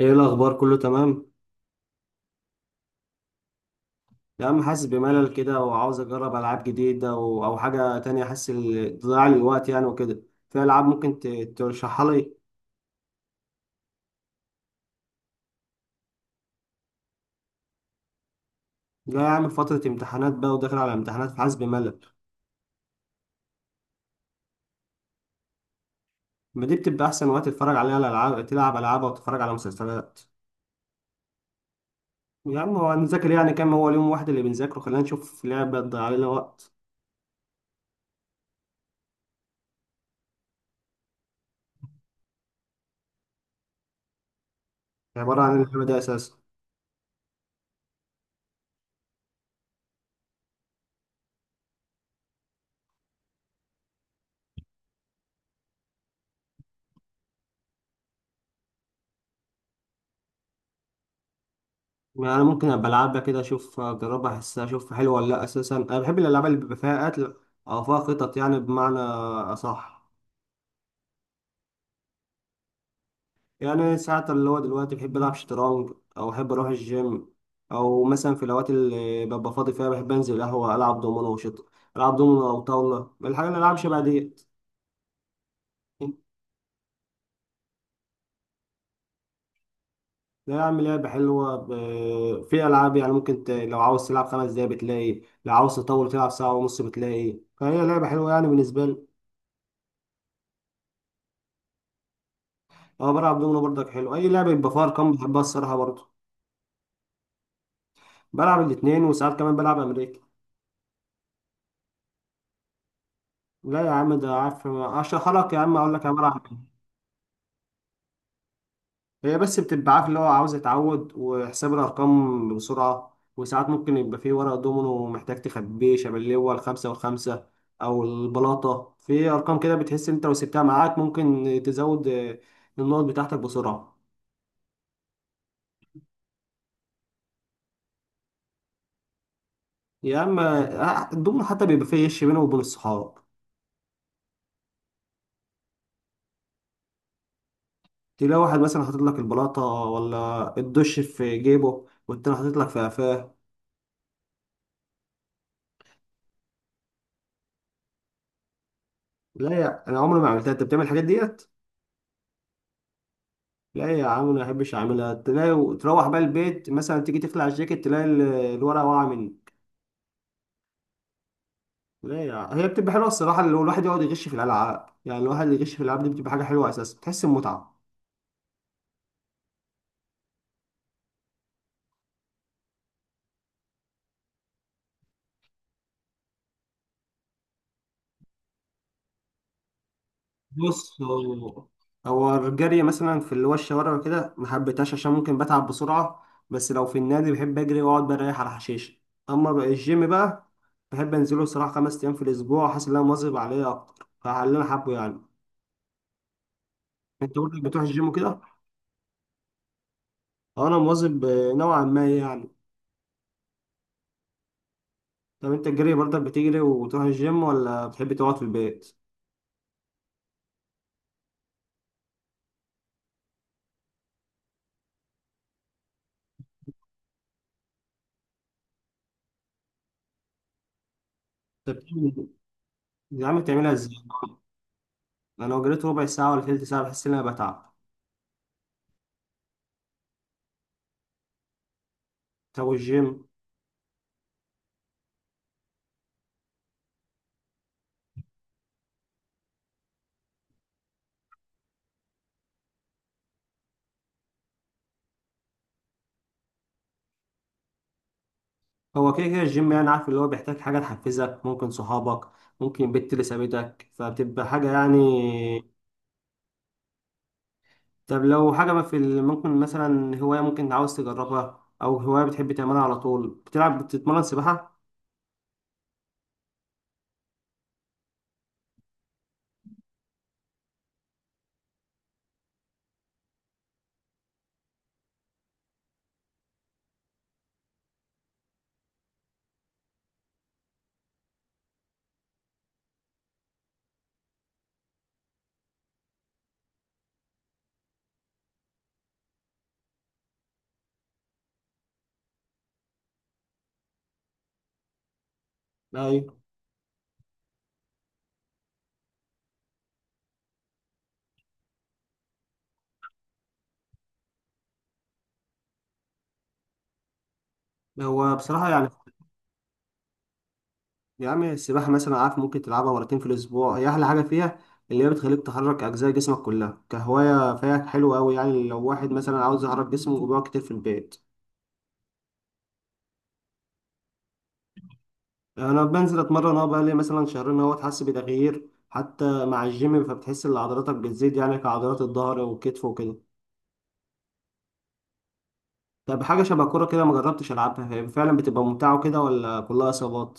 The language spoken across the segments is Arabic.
ايه الاخبار؟ كله تمام؟ يا عم، حاسس بملل كده وعاوز اجرب العاب جديده، او حاجه تانية، حاسس ضياع لي الوقت يعني وكده. في العاب ممكن ترشحها لي؟ جاي اعمل فتره امتحانات بقى، وداخل على امتحانات، فحاسس بملل. ما دي بتبقى احسن وقت تتفرج عليها الالعاب، تلعب العاب او تتفرج على مسلسلات. يا عم، هو هنذاكر يعني كام؟ هو اليوم واحد اللي بنذاكره؟ خلينا نشوف لعبه تضيع لنا وقت. عباره عن اللعبه دي اساسا؟ ما انا ممكن ابقى العبها كده، اشوف، اجربها، احسها، اشوف حلوه ولا لا. اساسا انا بحب الالعاب اللي بيبقى فيها قتل، او فيها خطط، يعني بمعنى اصح. يعني ساعات اللي هو دلوقتي بحب العب شطرنج، او احب اروح الجيم، او مثلا في الاوقات اللي ببقى فاضي فيها بحب انزل قهوه، العب دومينو العب دومينو او طاوله، الحاجه اللي العب شبه ديت. لا، اعمل لعبه حلوه في العاب يعني ممكن لو عاوز تلعب 5 دقايق بتلاقي، لو عاوز تطول تلعب ساعه ونص بتلاقي، فهي لعبه حلوه يعني بالنسبه لي. اه، بلعب دومينو برضك. حلو، اي لعبه يبقى فيها ارقام بحبها الصراحه برضه. بلعب الاثنين، وساعات كمان بلعب امريكي. لا يا عم، ده عارف اشرح لك، يا عم اقول لك انا بلعب ايه. هي بس بتبقى عارف اللي هو عاوز يتعود وحساب الارقام بسرعه. وساعات ممكن يبقى فيه ورق دومينو محتاج تخبيه، شبه اللي هو الخمسه والخمسه، او البلاطه في ارقام كده، بتحس انت لو سبتها معاك ممكن تزود النقط بتاعتك بسرعه. يا اما. آه، الدومينو حتى بيبقى فيه غش بينه وبين الصحاب. تلاقي واحد مثلا حاطط لك البلاطة ولا الدش في جيبه، والتاني حاطط لك في قفاه. لا يا، أنا عمري ما عملتها. أنت بتعمل الحاجات ديت؟ لا يا عم، أنا ما أحبش أعملها. تلاقي تروح بقى البيت مثلا، تيجي تخلع الجاكيت، تلاقي الورقة واقعة مني. لا يا عم. هي بتبقى حلوة الصراحة لو الواحد يقعد يغش في الألعاب. يعني الواحد اللي يغش في الألعاب دي بتبقى حاجة حلوة أساسا، بتحس بمتعة. بص، هو الجري مثلا في اللي هو الشوارع وكده ما حبيتهاش عشان ممكن بتعب بسرعة. بس لو في النادي بحب أجري وأقعد بريح على حشيش. أما بقى الجيم بقى، بحب أنزله الصراحة 5 أيام في الأسبوع، حاسس إن أنا مواظب عليه أكتر فعلى اللي أنا حابه يعني. أنت برضك بتروح الجيم وكده؟ أه، أنا مواظب نوعا ما يعني. طب أنت الجري برضك بتجري وتروح الجيم ولا بتحب تقعد في البيت؟ طب يا عم بتعملها إزاي؟ أنا لو جريت ربع ساعة ولا تلت ساعة بحس إن أنا بتعب. طب والجيم؟ هو كده كده الجيم يعني، عارف اللي هو بيحتاج حاجة تحفزك، ممكن صحابك، ممكن البت اللي سابتك، فبتبقى حاجة يعني. طب لو حاجة ما في ممكن مثلا هواية ممكن عاوز تجربها، أو هواية بتحب تعملها على طول، بتلعب، بتتمرن سباحة؟ أيوة. هو بصراحة يعني، يا عم السباحة مثلا عارف ممكن تلعبها مرتين في الأسبوع، هي أحلى حاجة فيها، اللي هي بتخليك تحرك أجزاء جسمك كلها، كهواية فيها حلوة أوي يعني، لو واحد مثلا عاوز يحرك جسمه وبيقعد كتير في البيت. انا بنزل اتمرن اهو، بقالي مثلا شهرين اهو، حاسس بتغيير حتى مع الجيم، فبتحس ان عضلاتك بتزيد يعني كعضلات الظهر والكتف وكده. طب حاجه شبه الكوره كده، ما جربتش العبها. هي فعلا بتبقى ممتعه كده ولا كلها اصابات؟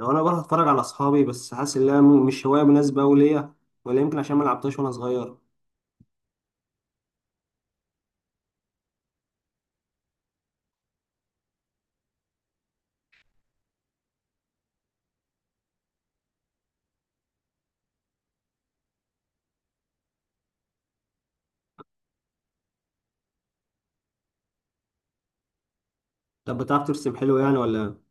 لو انا بروح اتفرج على اصحابي، بس حاسس ان هي مش هوايه مناسبه أوي ليا، ولا يمكن عشان ما لعبتهاش وانا صغير. طب بتعرف ترسم حلو يعني ولا إيه؟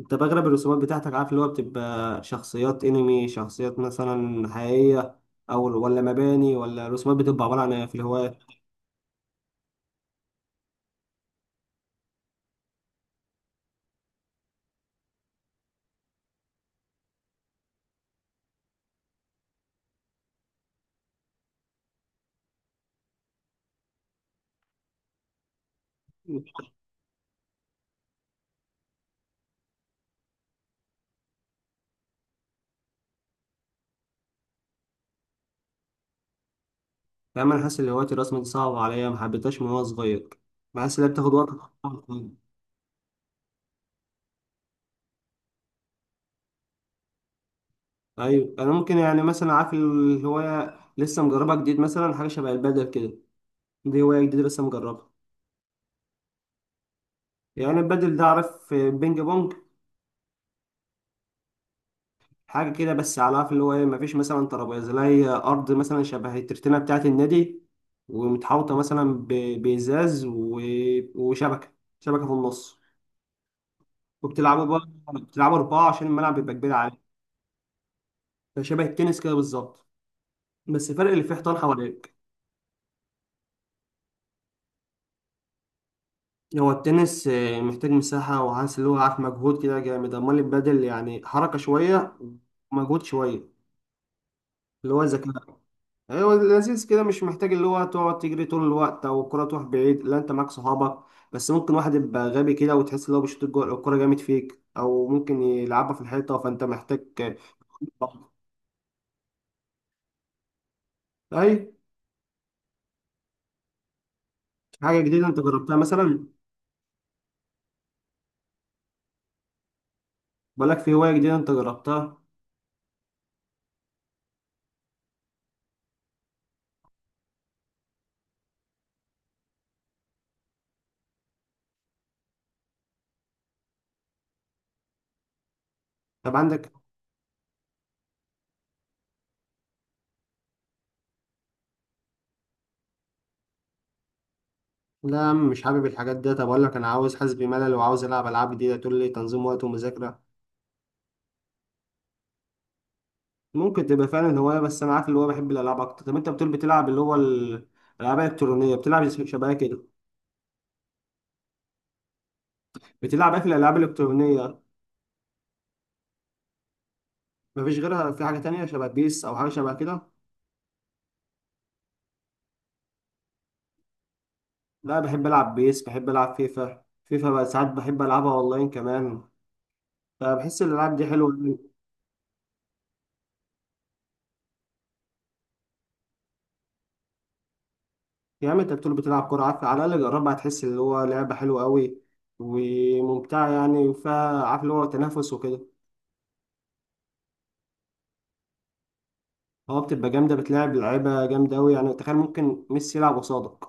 انت بغلب الرسومات بتاعتك عارف اللي هو بتبقى شخصيات انمي، شخصيات مثلا حقيقيه، او ولا مباني، ولا الرسومات بتبقى عباره عن إيه في الهوايات؟ فاهم. انا حاسس ان هوايه الرسم دي صعبه عليا، ما حبيتهاش من وانا صغير. بحس انها بتاخد وقت. ايوه، انا ممكن يعني مثلا عارف الهوايه لسه مجربها جديد، مثلا حاجه شبه البادل كده، دي هوايه جديده لسه مجربها. يعني البادل ده، عارف بينج بونج؟ حاجه كده، بس على عارف اللي هو ايه، مفيش مثلا ترابيزه، لا هي ارض مثلا شبه الترتينه بتاعه النادي، ومتحوطه مثلا بازاز وشبكه في النص، وبتلعبوا بقى. بتلعبوا اربعه عشان الملعب بيبقى كبير عليه. فشبه التنس كده بالظبط، بس الفرق اللي فيه حيطان حواليك. هو التنس محتاج مساحة، وعايز اللي هو عارف مجهود كده جامد. أمال البادل يعني حركة شوية، ومجهود شوية، اللي هو ذكاء. أيوة، لذيذ كده، مش محتاج اللي هو تقعد تجري طول الوقت أو الكرة تروح بعيد، لا أنت معاك صحابك. بس ممكن واحد يبقى غبي كده وتحس إن هو بيشوط الكرة جامد فيك، أو ممكن يلعبها في الحيطة، فأنت محتاج. آه، أي. حاجة جديدة أنت جربتها مثلا؟ بقولك في هواية جديدة أنت جربتها؟ طب عندك؟ لا يا عم، مش حابب الحاجات دي. طب اقول لك انا عاوز، حاسس بملل وعاوز العب العاب جديده، تقول لي تنظيم وقت ومذاكره؟ ممكن تبقى فعلا هوايه، بس انا عارف اللي هو بحب الالعاب اكتر. طب انت بتقول بتلعب اللي هو الالعاب الالكترونيه، بتلعب شبه كده؟ بتلعب ايه في الالعاب الالكترونيه؟ مفيش غيرها؟ في حاجه تانية شبه بيس او حاجه شبه كده؟ لا، بحب العب بيس، بحب العب فيفا. فيفا بقى ساعات بحب العبها اونلاين كمان، فبحس الالعاب دي حلوه. يا عم، انت بتقول بتلعب كوره، عارف، على الاقل جربها هتحس اللي هو لعبه حلوه قوي، وممتعه يعني، فيها عارف اللي هو تنافس وكده. هو بتبقى جامدة، بتلعب لعيبة جامدة أوي. يعني تخيل ممكن ميسي يلعب قصادك.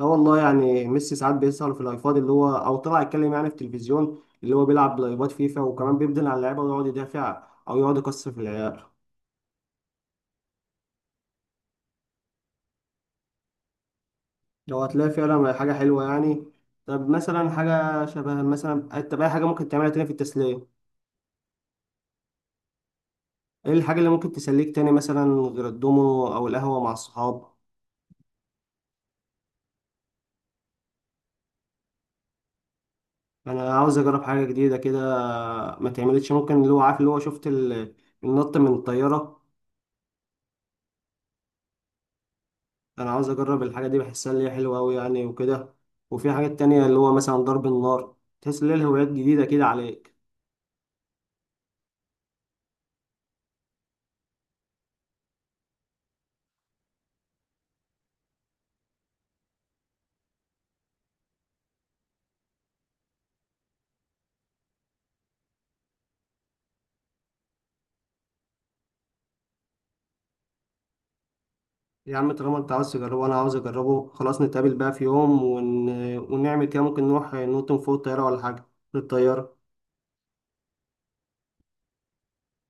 لا والله، يعني ميسي ساعات بيسهر في اللايفات اللي هو، أو طلع يتكلم يعني في التلفزيون اللي هو بيلعب لايفات فيفا، وكمان بيبدل على اللعيبة ويقعد يدافع، أو يقعد يكسر في العيال. لو هتلاقي فعلا حاجة حلوة يعني. طب مثلا حاجة شبه، مثلا طب أي حاجة ممكن تعملها تاني في التسلية، إيه الحاجة اللي ممكن تسليك تاني مثلا، غير الدومينو أو القهوة مع الصحاب؟ يعني أنا عاوز أجرب حاجة جديدة كده، ما تعملتش، ممكن اللي هو عارف، اللي هو شفت النط من الطيارة؟ انا عاوز اجرب الحاجه دي، بحسها اللي هي حلوه قوي يعني وكده. وفي حاجات تانية اللي هو مثلا ضرب النار، تحس ان هي الهوايات جديده كده عليك. يا عم، طالما انت عاوز تجربه وانا عاوز اجربه، خلاص نتقابل بقى في يوم ونعمل كده، ممكن نروح نوطن فوق الطياره ولا حاجه، للطياره.